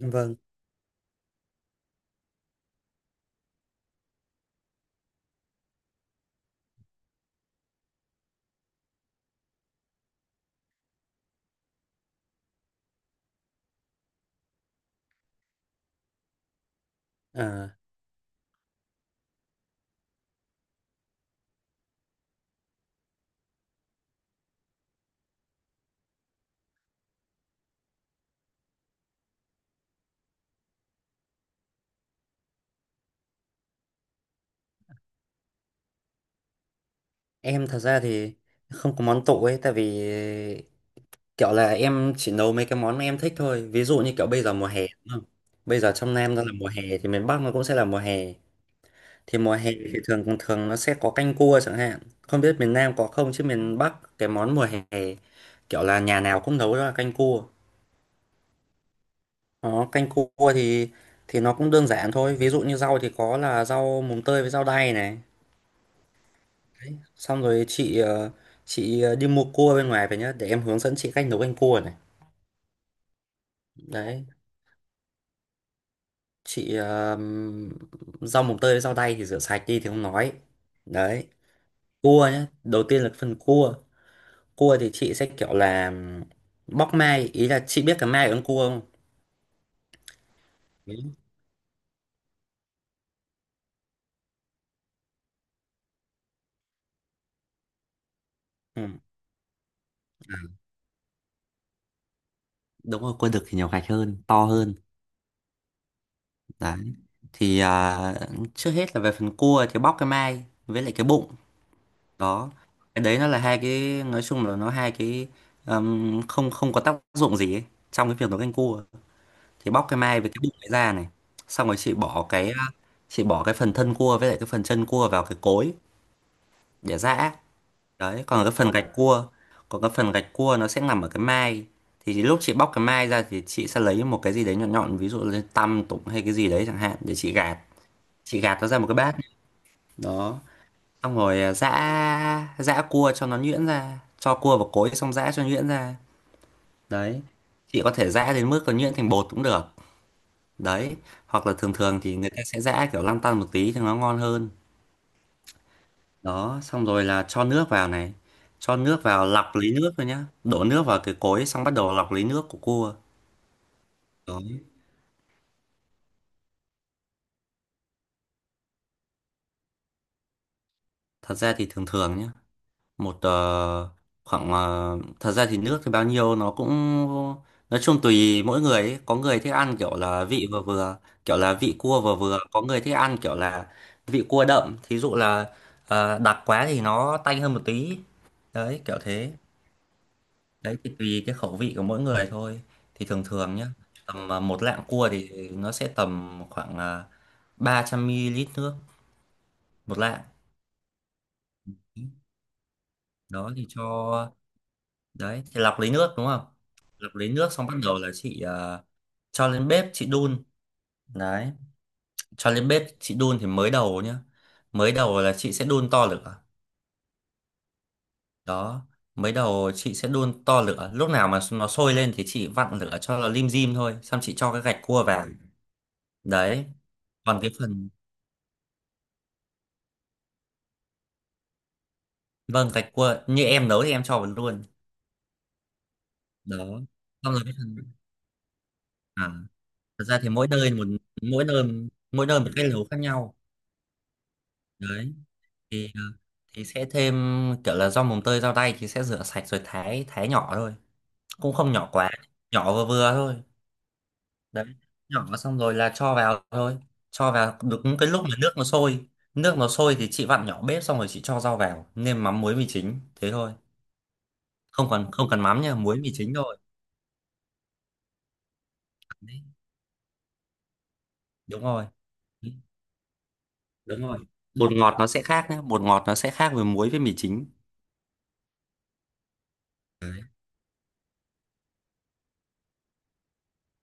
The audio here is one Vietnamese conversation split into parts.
Vâng, à, em thật ra thì không có món tủ ấy, tại vì kiểu là em chỉ nấu mấy cái món mà em thích thôi. Ví dụ như kiểu bây giờ mùa hè, đúng không? Bây giờ trong Nam nó là mùa hè thì miền Bắc nó cũng sẽ là mùa hè. Thì mùa hè thì thường thường thường nó sẽ có canh cua chẳng hạn. Không biết miền Nam có không, chứ miền Bắc cái món mùa hè kiểu là nhà nào cũng nấu đó là canh cua. Đó, canh cua thì nó cũng đơn giản thôi. Ví dụ như rau thì có là rau mùng tơi với rau đay này. Xong rồi chị đi mua cua bên ngoài về nhá để em hướng dẫn chị cách nấu canh cua này. Đấy, chị rau mồng tơi với rau đay thì rửa sạch đi thì không nói. Đấy, cua nhá, đầu tiên là phần cua. Cua thì chị sẽ kiểu là bóc mai, ý là chị biết cả mai ở con cua không? Biết. Ừ. À, đúng rồi, cua đực thì nhiều gạch hơn, to hơn. Đấy, thì à, trước hết là về phần cua thì bóc cái mai với lại cái bụng. Đó, cái đấy nó là hai cái, nói chung là nó hai cái không không có tác dụng gì ấy trong cái việc nấu canh cua. Thì bóc cái mai với cái bụng ấy ra này, xong rồi chị bỏ cái phần thân cua với lại cái phần chân cua vào cái cối để giã. Đấy, còn cái phần gạch cua còn cái phần gạch cua nó sẽ nằm ở cái mai. Thì lúc chị bóc cái mai ra thì chị sẽ lấy một cái gì đấy nhọn nhọn, ví dụ là tăm tụng hay cái gì đấy chẳng hạn để chị gạt nó ra một cái bát. Đó, xong rồi giã giã cua cho nó nhuyễn ra, cho cua vào cối xong giã cho nhuyễn ra. Đấy, chị có thể giã đến mức còn nhuyễn thành bột cũng được. Đấy, hoặc là thường thường thì người ta sẽ giã kiểu lăn tăn một tí thì nó ngon hơn. Đó, xong rồi là cho nước vào này, cho nước vào lọc lấy nước rồi nhá, đổ nước vào cái cối xong bắt đầu lọc lấy nước của cua. Đó, thật ra thì thường thường nhá, một ờ, khoảng thật ra thì nước thì bao nhiêu nó cũng, nói chung tùy mỗi người ấy. Có người thích ăn kiểu là vị vừa vừa, kiểu là vị cua vừa vừa, có người thích ăn kiểu là vị cua đậm, thí dụ là đặc quá thì nó tanh hơn một tí. Đấy kiểu thế. Đấy thì tùy cái khẩu vị của mỗi người thôi. Thì thường thường nhá, tầm một lạng cua thì nó sẽ tầm khoảng 300 ml nước một lạng. Đó thì cho, đấy thì lọc lấy nước đúng không. Lọc lấy nước xong bắt đầu là chị cho lên bếp chị đun. Đấy, cho lên bếp chị đun thì mới đầu nhá, mới đầu là chị sẽ đun to lửa. Đó, mới đầu chị sẽ đun to lửa, lúc nào mà nó sôi lên thì chị vặn lửa cho nó lim dim thôi, xong chị cho cái gạch cua vào. Đấy, còn cái phần, vâng, gạch cua như em nấu thì em cho vào luôn. Đó, xong rồi cái phần à, thật ra thì mỗi nơi mỗi nơi một cái nấu khác nhau. Đấy thì ờ, thì sẽ thêm, kiểu là rau mồng tơi rau đay thì sẽ rửa sạch rồi thái thái nhỏ thôi, cũng không nhỏ quá, nhỏ vừa vừa thôi. Đấy, nhỏ xong rồi là cho vào thôi, cho vào đúng cái lúc mà nước nó sôi. Nước nó sôi thì chị vặn nhỏ bếp, xong rồi chị cho rau vào nêm mắm muối mì chính thế thôi. Không cần mắm nha, muối mì chính thôi. Đấy, đúng rồi, đúng rồi, bột ngọt nó sẽ khác nhé, bột ngọt nó sẽ khác với muối với mì chính.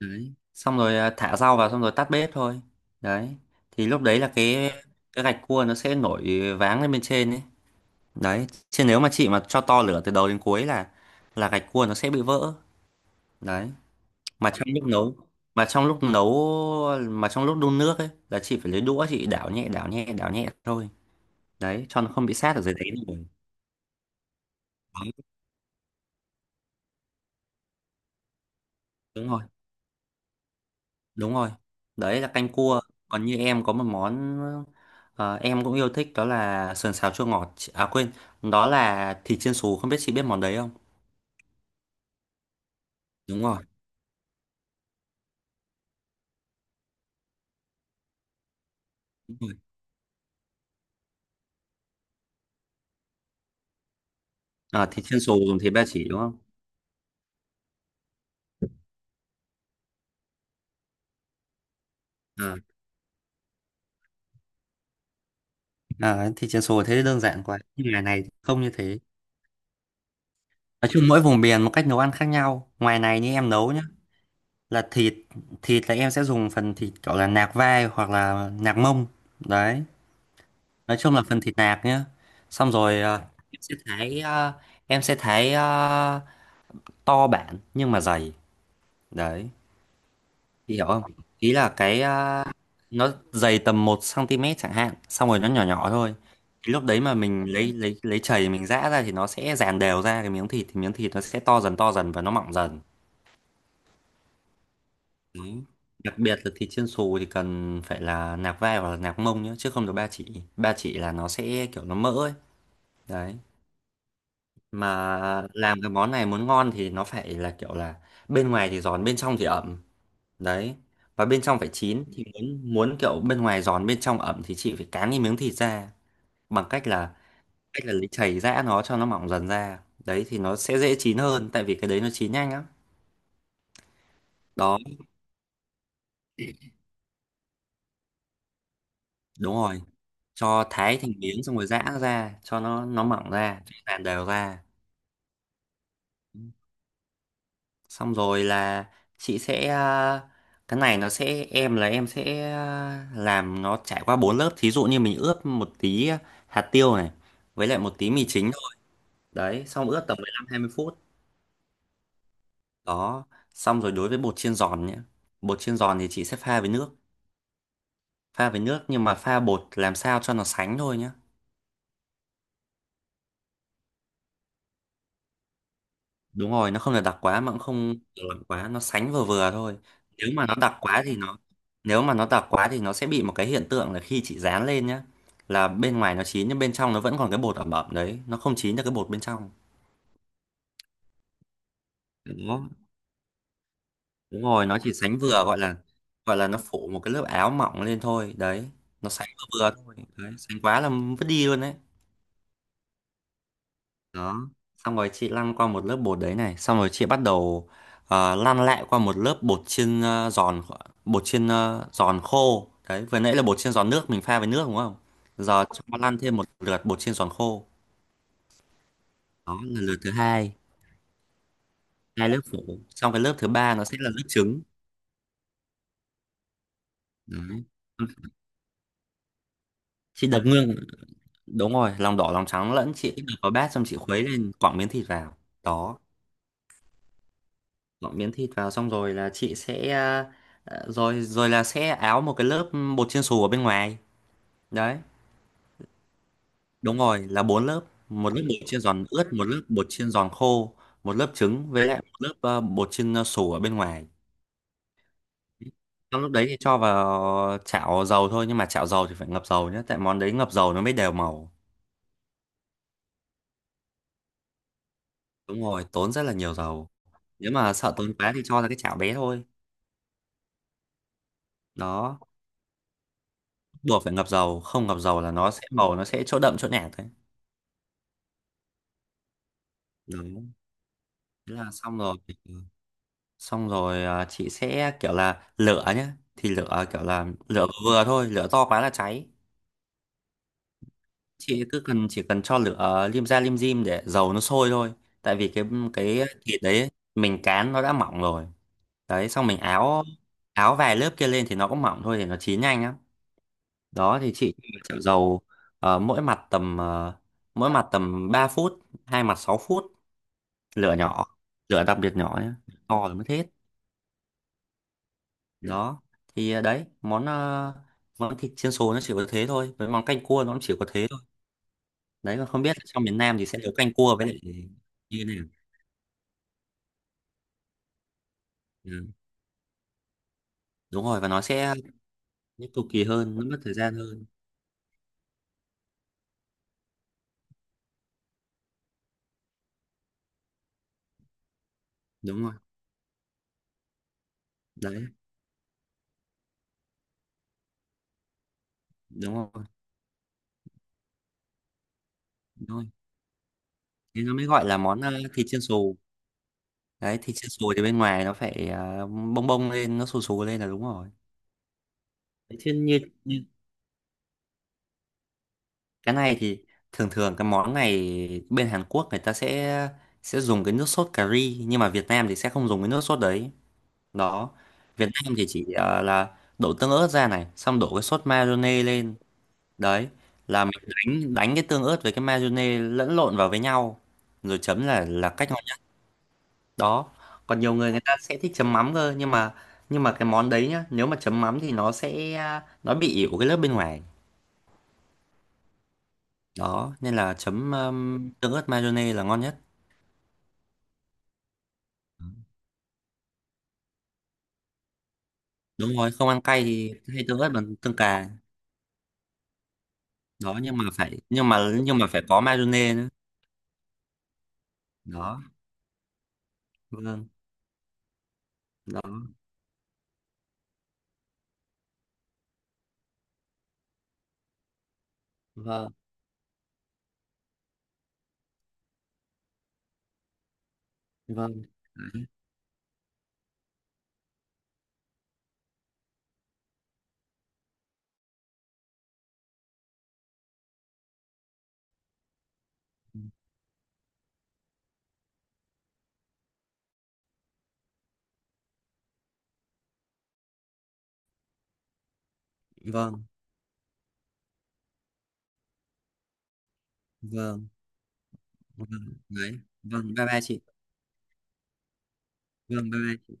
Đấy, xong rồi thả rau vào xong rồi tắt bếp thôi. Đấy, thì lúc đấy là cái gạch cua nó sẽ nổi váng lên bên trên ấy. Đấy, chứ nếu mà chị mà cho to lửa từ đầu đến cuối là gạch cua nó sẽ bị vỡ. Đấy, mà trong lúc nấu, mà trong lúc nấu mà trong lúc đun nước ấy là chị phải lấy đũa chị đảo nhẹ đảo nhẹ đảo nhẹ thôi, đấy, cho nó không bị sát ở dưới đáy rồi. Đấy, đúng rồi, đúng rồi, đấy là canh cua. Còn như em có một món em cũng yêu thích đó là sườn xào chua ngọt, à quên, đó là thịt chiên xù, không biết chị biết món đấy không. Đúng rồi, đúng rồi. À, thịt chiên xù dùng thịt ba chỉ đúng không? à, Thịt chiên xù thế đơn giản quá, nhưng ngoài này thì không như thế. Nói chung mỗi vùng miền một cách nấu ăn khác nhau, ngoài này như em nấu nhá, là thịt thịt là em sẽ dùng phần thịt gọi là nạc vai hoặc là nạc mông. Đấy, nói chung là phần thịt nạc nhá, xong rồi ờ, em sẽ thái ờ, em sẽ thái ờ, to bản nhưng mà dày. Đấy, chị hiểu không, ý là nó dày tầm 1 cm chẳng hạn, xong rồi nó nhỏ nhỏ thôi. Cái lúc đấy mà mình lấy chày mình giã ra thì nó sẽ dàn đều ra cái miếng thịt, thì miếng thịt nó sẽ to dần và nó mọng dần. Đấy, đặc biệt là thịt chiên xù thì cần phải là nạc vai hoặc là nạc mông nhé, chứ không được ba chỉ. Ba chỉ là nó sẽ kiểu nó mỡ ấy. Đấy, mà làm cái món này muốn ngon thì nó phải là kiểu là bên ngoài thì giòn, bên trong thì ẩm. Đấy, và bên trong phải chín, thì muốn muốn kiểu bên ngoài giòn bên trong ẩm thì chị phải cán cái miếng thịt ra, bằng cách là, cách là lấy chày giã nó cho nó mỏng dần ra. Đấy thì nó sẽ dễ chín hơn, tại vì cái đấy nó chín nhanh lắm. Đó, đúng rồi, cho thái thành miếng xong rồi giã nó ra cho nó mỏng ra cho nó dàn đều ra. Xong rồi là chị sẽ à, cái này nó sẽ, em là em sẽ à, làm nó trải qua bốn lớp, thí dụ như mình ướp một tí hạt tiêu này với lại một tí mì chính thôi. Đấy, xong ướp tầm 15-20 phút. Đó, xong rồi đối với bột chiên giòn nhé, bột chiên giòn thì chị sẽ pha với nước, nhưng mà pha bột làm sao cho nó sánh thôi nhé. Đúng rồi, nó không được đặc quá mà cũng không được lỏng quá, nó sánh vừa vừa thôi. nếu mà nó đặc quá thì nó Nếu mà nó đặc quá thì nó sẽ bị một cái hiện tượng là khi chị dán lên nhá, là bên ngoài nó chín nhưng bên trong nó vẫn còn cái bột ẩm ẩm đấy, nó không chín được cái bột bên trong. Đó, đúng rồi, nó chỉ sánh vừa, gọi là nó phủ một cái lớp áo mỏng lên thôi. Đấy, nó sánh vừa vừa thôi, đấy, sánh quá là vứt đi luôn đấy. Đó, xong rồi chị lăn qua một lớp bột đấy này, xong rồi chị bắt đầu lăn lại qua một lớp bột chiên giòn, bột chiên giòn khô. Đấy, vừa nãy là bột chiên giòn nước mình pha với nước đúng không, giờ cho lăn thêm một lượt bột chiên giòn khô, đó là lượt thứ hai. Hai lớp phủ xong, cái lớp thứ ba nó sẽ là lớp trứng. Đấy, chị đập ngương, đúng rồi, lòng đỏ lòng trắng lẫn, chị đập vào bát xong chị khuấy lên, quẳng miếng thịt vào. Đó, dọn miếng thịt vào xong rồi là chị sẽ rồi rồi là sẽ áo một cái lớp bột chiên xù ở bên ngoài. Đấy, đúng rồi, là bốn lớp, một lớp bột chiên giòn ướt, một lớp bột chiên giòn khô, một lớp trứng với lại một lớp bột chiên xù ở bên ngoài. Trong lúc đấy thì cho vào chảo dầu thôi, nhưng mà chảo dầu thì phải ngập dầu nhé, tại món đấy ngập dầu nó mới đều màu. Đúng rồi, tốn rất là nhiều dầu. Nếu mà sợ tốn quá thì cho ra cái chảo bé thôi. Đó, buộc phải ngập dầu, không ngập dầu là nó sẽ màu, nó sẽ chỗ đậm chỗ nhạt đấy. Đó. Thế là xong rồi, xong rồi chị sẽ kiểu là lửa nhá, thì lửa kiểu là lửa vừa thôi, lửa to quá là cháy. Chị cứ cần, chỉ cần cho lửa lim dim để dầu nó sôi thôi, tại vì cái thịt đấy mình cán nó đã mỏng rồi. Đấy, xong mình áo áo vài lớp kia lên thì nó cũng mỏng thôi, thì nó chín nhanh lắm. Đó thì chị chảo dầu mỗi mặt tầm 3 phút, hai mặt 6 phút, lửa nhỏ, lửa đặc biệt nhỏ nhé, to là mất hết. Đó thì đấy món món thịt chiên xù nó chỉ có thế thôi, với món canh cua nó cũng chỉ có thế thôi. Đấy, còn không biết là trong miền Nam thì sẽ nấu canh cua với lại như thế nào. Ừ. Đúng rồi, và nó cực kỳ hơn, nó mất thời gian hơn. Đúng rồi. Đấy, đúng rồi, đúng rồi, thế nó mới gọi là món thịt chiên xù. Đấy, thịt chiên xù thì bên ngoài nó phải bông bông lên, nó xù xù lên là đúng rồi. Đấy, chứ như như cái này thì thường thường cái món này bên Hàn Quốc người ta sẽ dùng cái nước sốt cà ri, nhưng mà Việt Nam thì sẽ không dùng cái nước sốt đấy. Đó, Việt Nam thì chỉ là đổ tương ớt ra này xong đổ cái sốt mayonnaise lên. Đấy, là mình đánh đánh cái tương ớt với cái mayonnaise lẫn lộn vào với nhau rồi chấm là cách ngon nhất. Đó, còn nhiều người người ta sẽ thích chấm mắm cơ, nhưng mà cái món đấy nhá, nếu mà chấm mắm thì nó sẽ nó bị ỉu cái lớp bên ngoài. Đó, nên là chấm tương ớt mayonnaise là ngon nhất. Đúng rồi, không ăn cay thì hay tương ớt bằng tương cà. Đó, nhưng mà phải, có mayonnaise nữa. Đó, vâng. Đó, vâng, vâng, vâng, vâng, vâng, vâng. Đấy, vâng, bye bye chị. Vâng, bye bye.